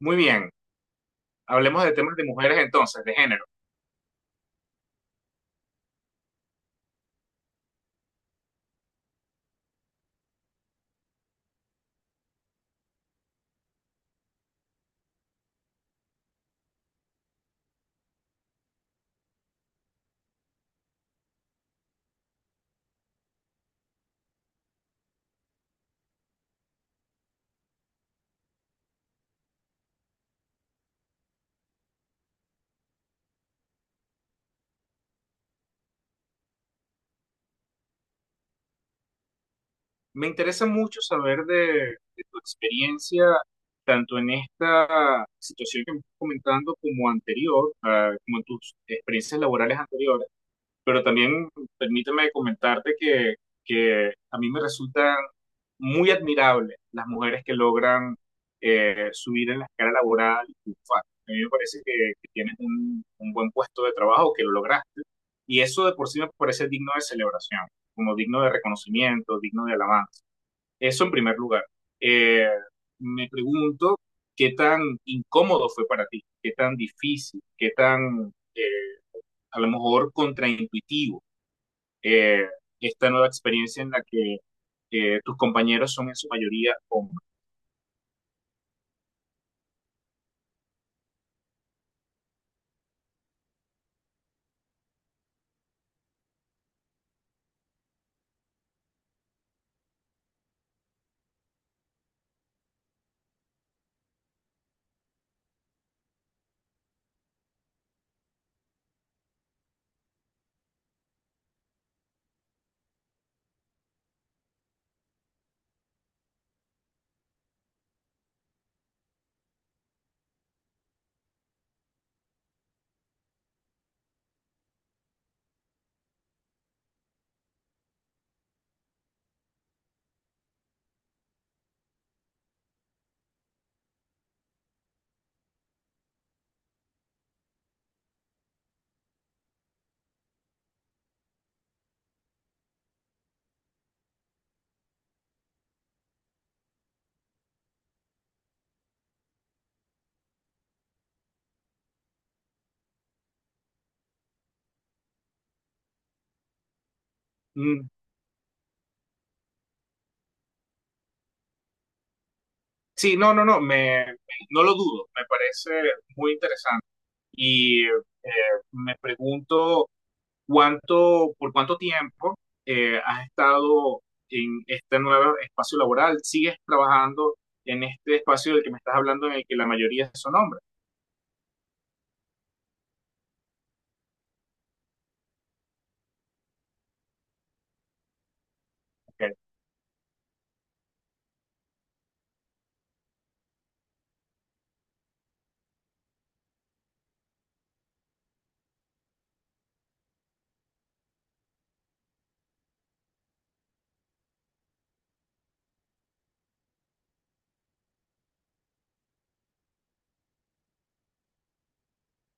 Muy bien, hablemos de temas de mujeres entonces, de género. Me interesa mucho saber de tu experiencia, tanto en esta situación que me estás comentando como anterior, como en tus experiencias laborales anteriores. Pero también permíteme comentarte que a mí me resultan muy admirables las mujeres que logran subir en la escala laboral y triunfar. A mí me parece que tienes un buen puesto de trabajo, que lo lograste, y eso de por sí me parece digno de celebración, como digno de reconocimiento, digno de alabanza. Eso en primer lugar. Eh, Me pregunto qué tan incómodo fue para ti, qué tan difícil, qué tan a lo mejor contraintuitivo eh, esta nueva experiencia en la que tus compañeros son en su mayoría hombres. Mm, sí, me, no lo dudo, me parece muy interesante y me pregunto cuánto, por cuánto tiempo has estado en este nuevo espacio laboral, sigues trabajando en este espacio del que me estás hablando en el que la mayoría son hombres. Okay.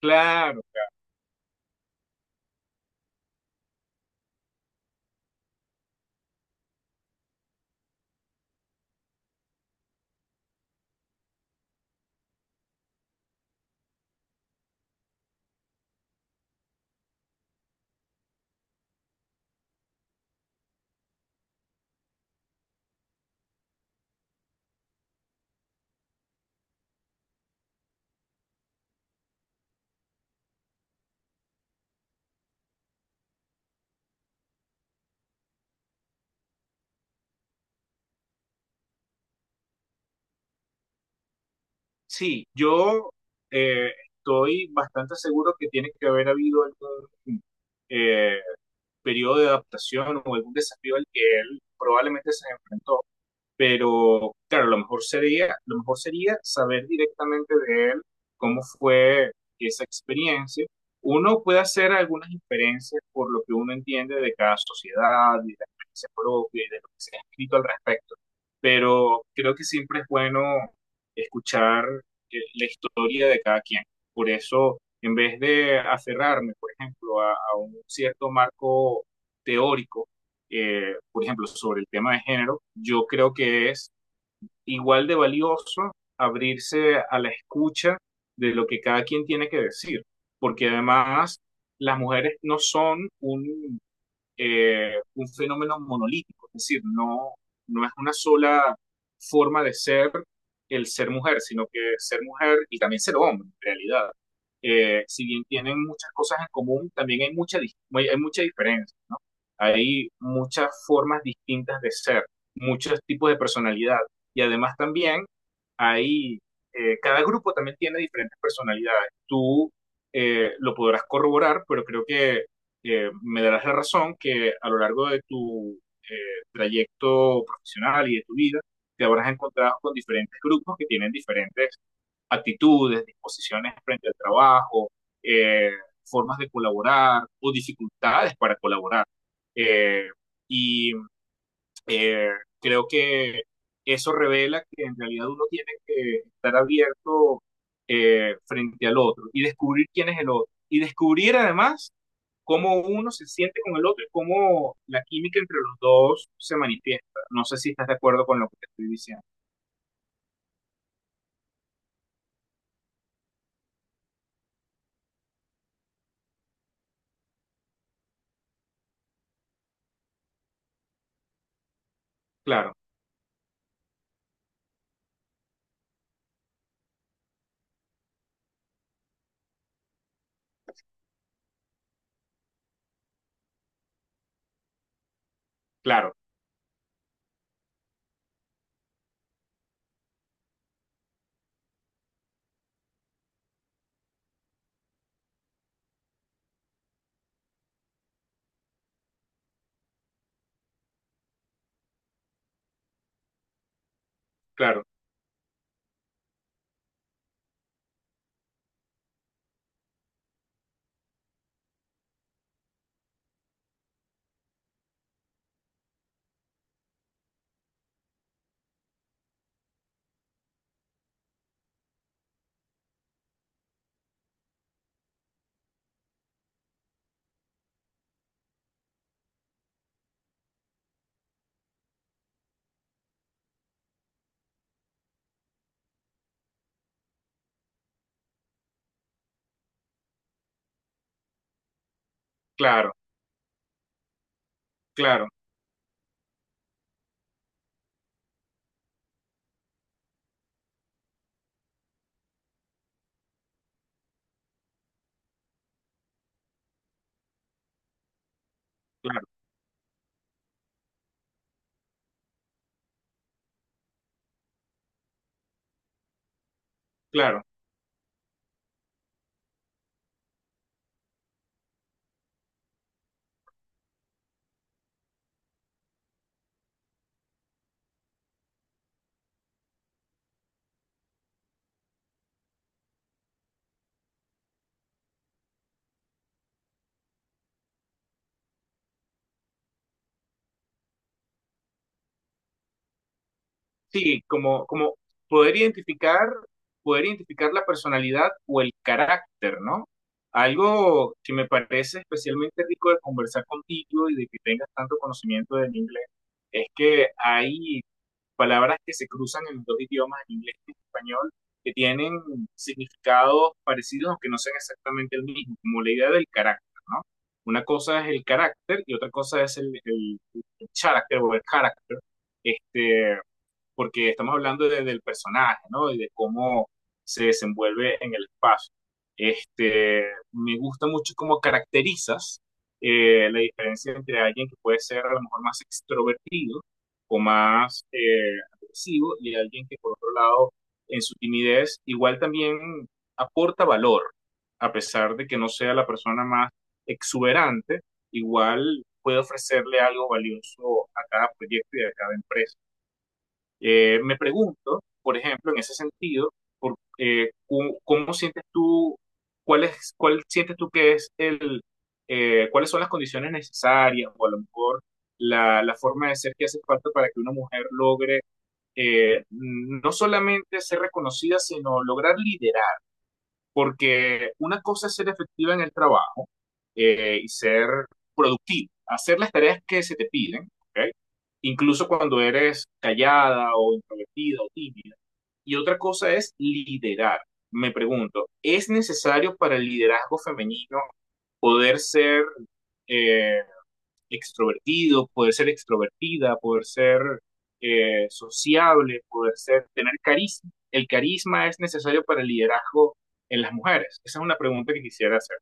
Claro. Sí, yo eh, estoy bastante seguro que tiene que haber habido algún eh, periodo de adaptación o algún desafío al que él probablemente se enfrentó, pero claro, lo mejor sería saber directamente de él cómo fue esa experiencia. Uno puede hacer algunas inferencias por lo que uno entiende de cada sociedad y de la experiencia propia y de lo que se ha escrito al respecto, pero creo que siempre es bueno escuchar la historia de cada quien. Por eso, en vez de aferrarme, por ejemplo, a un cierto marco teórico, por ejemplo, sobre el tema de género, yo creo que es igual de valioso abrirse a la escucha de lo que cada quien tiene que decir, porque además las mujeres no son un fenómeno monolítico, es decir, no, no es una sola forma de ser el ser mujer, sino que ser mujer y también ser hombre, en realidad. Si bien tienen muchas cosas en común, también hay hay mucha diferencia, ¿no? Hay muchas formas distintas de ser, muchos tipos de personalidad. Y además también hay, cada grupo también tiene diferentes personalidades. Tú lo podrás corroborar, pero creo que me darás la razón que a lo largo de tu eh, trayecto profesional y de tu vida, te habrás encontrado con diferentes grupos que tienen diferentes actitudes, disposiciones frente al trabajo, eh, formas de colaborar o dificultades para colaborar. Eh, y eh, creo que eso revela que en realidad uno tiene que estar abierto frente al otro y descubrir quién es el otro. Y descubrir además cómo uno se siente con el otro y cómo la química entre los dos se manifiesta. No sé si estás de acuerdo con lo que te estoy diciendo. Claro, claro, claro, claro, claro, claro, claro. Sí, como poder identificar, poder identificar la personalidad o el carácter, ¿no? Algo que me parece especialmente rico de conversar contigo y de que tengas tanto conocimiento del inglés es que hay palabras que se cruzan en los dos idiomas, en inglés y en español, que tienen significados parecidos, aunque no sean exactamente el mismo, como la idea del carácter, ¿no? Una cosa es el carácter y otra cosa es el character o el carácter, este, porque estamos hablando del personaje, ¿no? Y de cómo se desenvuelve en el espacio. Este, me gusta mucho cómo caracterizas la diferencia entre alguien que puede ser a lo mejor más extrovertido o más agresivo y alguien que por otro lado en su timidez igual también aporta valor, a pesar de que no sea la persona más exuberante, igual puede ofrecerle algo valioso a cada proyecto y a cada empresa. Me pregunto, por ejemplo, en ese sentido, ¿cómo, sientes tú, cuál sientes tú que es cuáles son las condiciones necesarias o a lo mejor la forma de ser que hace falta para que una mujer logre no solamente ser reconocida, sino lograr liderar? Porque una cosa es ser efectiva en el trabajo y ser productivo, hacer las tareas que se te piden, ¿ok? Incluso cuando eres callada o introvertida o tímida. Y otra cosa es liderar. Me pregunto, ¿es necesario para el liderazgo femenino poder ser eh, extrovertido, poder ser extrovertida, poder ser sociable, poder ser, tener carisma? ¿El carisma es necesario para el liderazgo en las mujeres? Esa es una pregunta que quisiera hacer.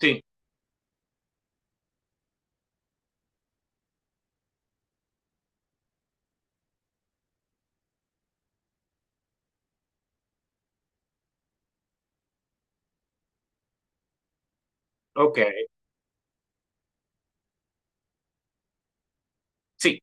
Sí, ok, sí.